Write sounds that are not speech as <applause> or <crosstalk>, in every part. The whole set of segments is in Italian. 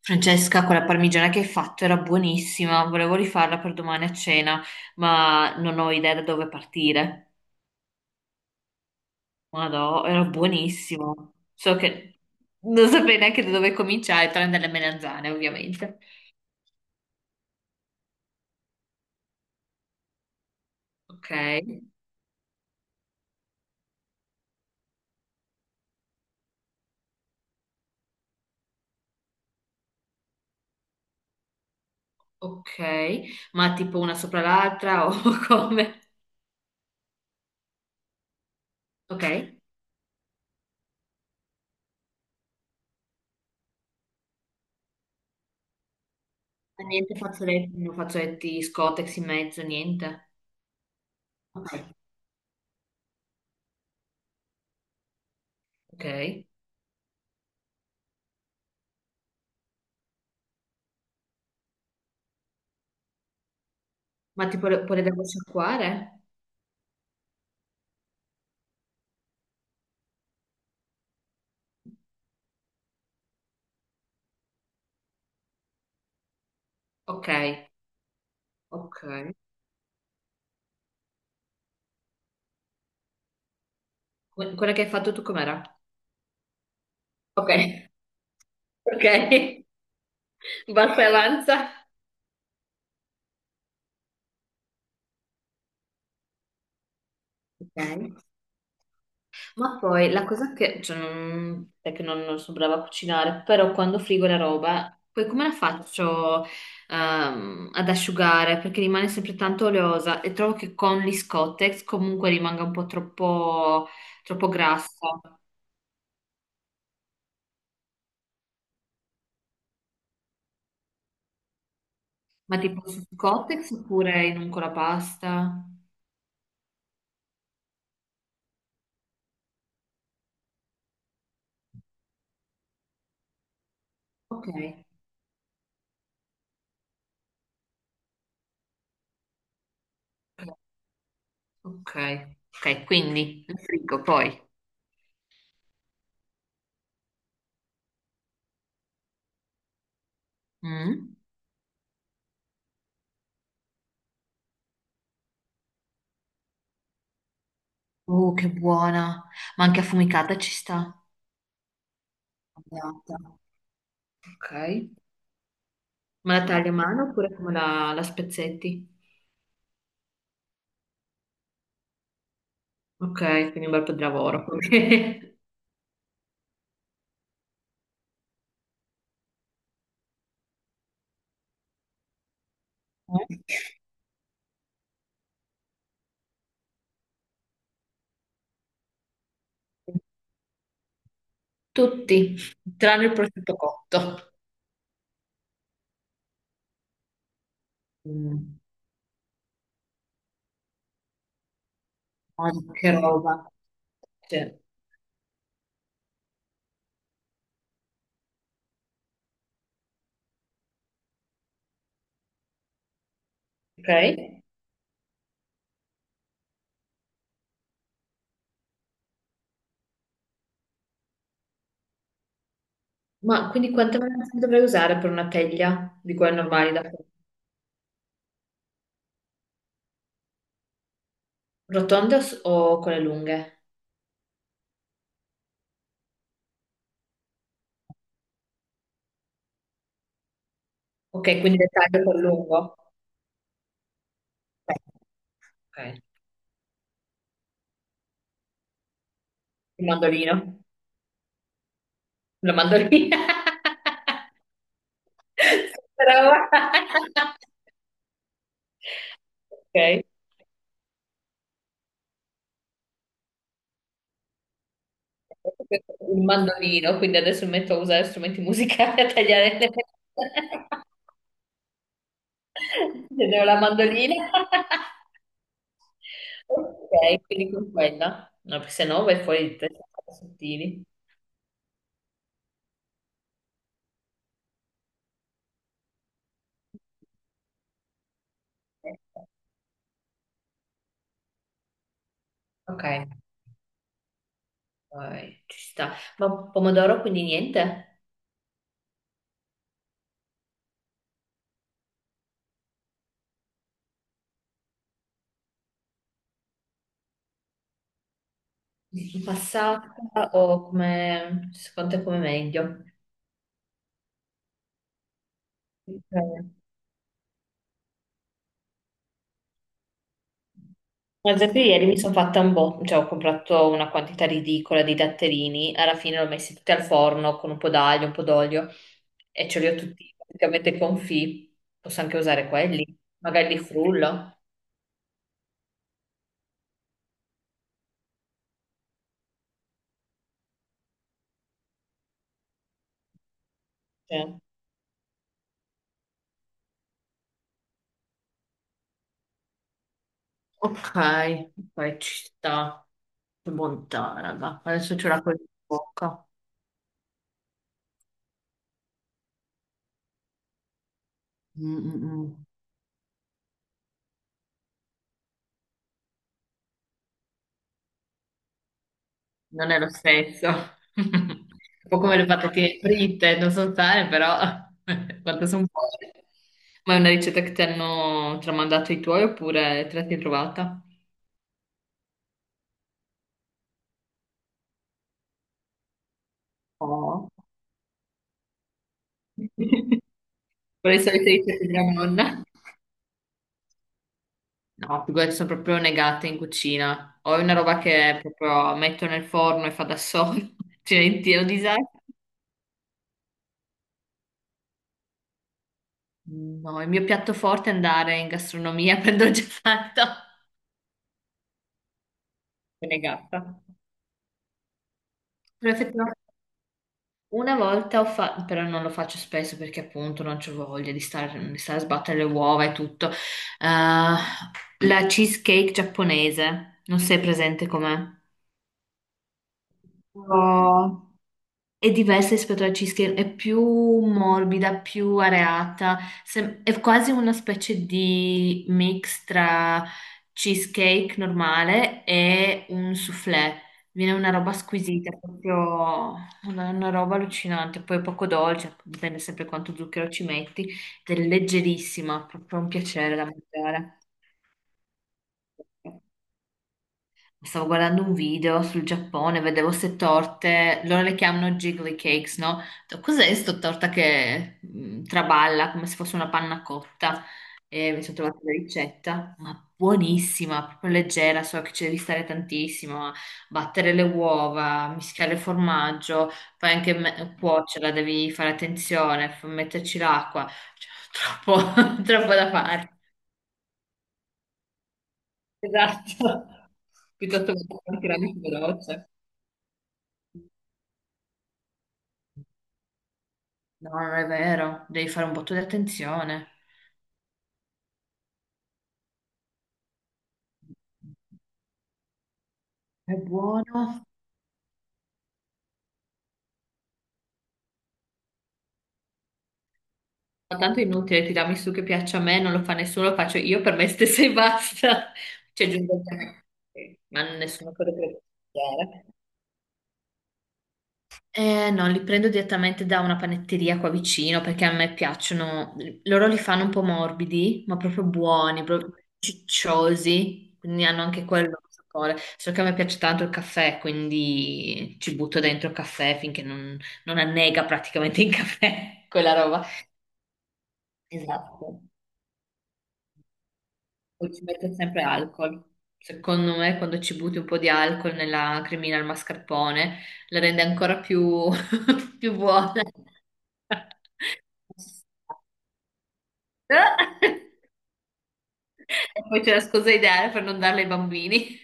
Francesca, quella parmigiana che hai fatto era buonissima, volevo rifarla per domani a cena, ma non ho idea da dove partire. Madò, era buonissimo. So che non saprei neanche da dove cominciare, tranne dalle melanzane, ovviamente. Ok, ok, ma tipo una sopra l'altra o <laughs> come? Ok. Ma niente fazzoletti, non fazzoletti scotex in mezzo, niente. Ok, ok, ma tipo le, poi le devo sciacquare? Ok, ok. Quella che hai fatto tu com'era? Ok, ok, <laughs> basta e avanza. Ok. Ma poi la cosa che, cioè, non, è che non, non sono brava a cucinare, però quando frigo la roba, poi come la faccio ad asciugare? Perché rimane sempre tanto oleosa e trovo che con gli Scottex comunque rimanga un po' troppo, troppo grassa. Ma tipo su Scottex oppure in un colapasta? Ok, ok, ok, quindi lo frigo poi. Mm. Oh, che buona. Ma anche affumicata ci sta. Andata. Ok. Ma la tagli a mano oppure come la, la spezzetti? Ok, quindi un bel po' di lavoro. <laughs> Ok. Eh? Tutti, tranne il prosciutto cotto. Mm. Guarda che roba. Sì. Ok. Ma quindi quante melanzane dovrei usare per una teglia di quelle normali da fare? Rotonde o, o quelle lunghe? Ok, quindi le taglio col lungo. Ok. Il mandolino. Lo mando lì. <laughs> Brava. Ok. Il mandolino, quindi adesso mi metto a usare strumenti musicali a tagliare le <laughs> Vedevo la mandolina. <laughs> Ok, quindi con quella. No, perché se no vai fuori di testa con i sottili. Ok, vai, ci sta. Ma pomodoro quindi niente? Passata o come secondo te come meglio? Ok. Guardate, ieri mi sono fatta un botto, cioè ho comprato una quantità ridicola di datterini, alla fine li ho messi tutti al forno con un po' d'aglio, un po' d'olio e ce li ho tutti praticamente confì. Posso anche usare quelli, magari li frullo. Cioè, ok, ok, ci sta. Che bontà, raga. Adesso ce l'ho con in bocca. Mm, mm, mm. Non è lo stesso. <laughs> Un po' come le patatine fritte, non so sane, però <laughs> quanto sono buone. Ma è una ricetta che ti hanno tramandato i tuoi oppure te la sei trovata? Oh. <laughs> Quali sono le solite ricette della <laughs> nonna? No, figurati, sono proprio negata in cucina. Ho una roba che proprio metto nel forno e fa da solo. <laughs> Cioè, in tiro disastro. No, il mio piatto forte è andare in gastronomia, <laughs> prendo già fatto. Sono negata. Perfetto. Una volta ho fatto, però non lo faccio spesso perché appunto non c'ho voglia di stare a sbattere le uova e tutto. La cheesecake giapponese, non sei presente com'è? No. È diversa rispetto alla cheesecake, è più morbida, più areata, è quasi una specie di mix tra cheesecake normale e un soufflé. Viene una roba squisita, proprio una roba allucinante, poi poco dolce, dipende sempre quanto zucchero ci metti, ed è leggerissima, proprio un piacere da mangiare. Stavo guardando un video sul Giappone, vedevo ste torte, loro le chiamano jiggly cakes, no? Ho detto, cos'è sto torta che traballa come se fosse una panna cotta? E mi sono trovata la ricetta, ma buonissima, proprio leggera, so che ci devi stare tantissimo a battere le uova, mischiare il formaggio, poi anche cuocerla, devi fare attenzione, metterci l'acqua, cioè, troppo, <laughs> troppo da fare. Esatto. Piuttosto che fare anche la veloce. No, non è vero, devi fare un botto di attenzione. È buono. Ma tanto è inutile tirarmi su che piaccia a me, non lo fa nessuno, lo faccio io per me stessa e basta. <laughs> Cioè, giusto, ma nessuno può piacere. No, li prendo direttamente da una panetteria qua vicino perché a me piacciono. Loro li fanno un po' morbidi, ma proprio buoni, proprio cicciosi, quindi hanno anche quello sapore. Solo che a me piace tanto il caffè, quindi ci butto dentro il caffè finché non, non annega praticamente il caffè, <laughs> quella roba. Esatto. O ci mette sempre alcol. Secondo me, quando ci butti un po' di alcol nella cremina al mascarpone, la rende ancora più, <laughs> più buona. E poi c'è la scusa ideale per non darla ai bambini.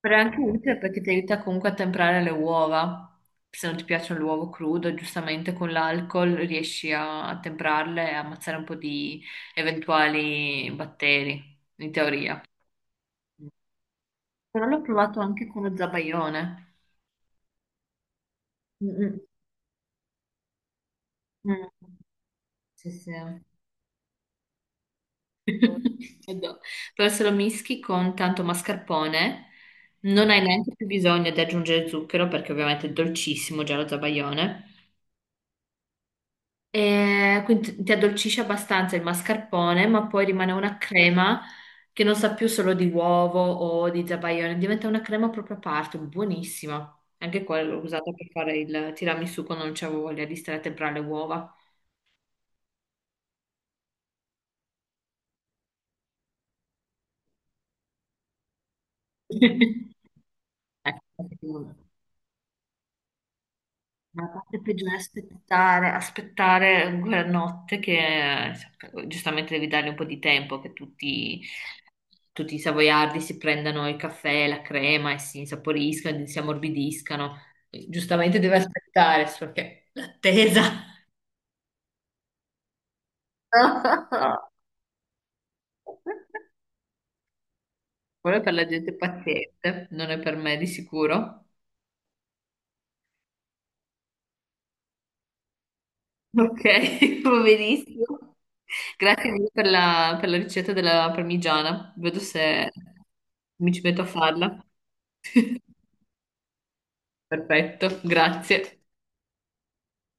Però è anche utile perché ti aiuta comunque a temprare le uova. Se non ti piace l'uovo crudo, giustamente con l'alcol riesci a, a temprarle e a ammazzare un po' di eventuali batteri, in teoria. Però l'ho provato anche con lo zabaione. Mm, mm, mm. Sì, sì. <laughs> Adoro. Però se lo mischi con tanto mascarpone, non hai neanche più bisogno di aggiungere zucchero perché ovviamente è dolcissimo già lo zabaione. E quindi ti addolcisce abbastanza il mascarpone, ma poi rimane una crema che non sa più solo di uovo o di zabaione, diventa una crema proprio a parte, buonissima. Anche quella l'ho usata per fare il tiramisù quando non c'avevo voglia di stare a temprare le uova. <laughs> Ecco, la parte peggiore è aspettare, aspettare quella notte che giustamente devi dargli un po' di tempo che tutti, tutti i savoiardi si prendano il caffè, la crema e si insaporiscano, e si ammorbidiscano. Giustamente deve aspettare, solo che l'attesa. <laughs> Quello è per la gente paziente, non è per me di sicuro. Ok, <laughs> va benissimo. Grazie mille per la ricetta della parmigiana. Vedo se mi ci metto a farla. <laughs> Perfetto, grazie.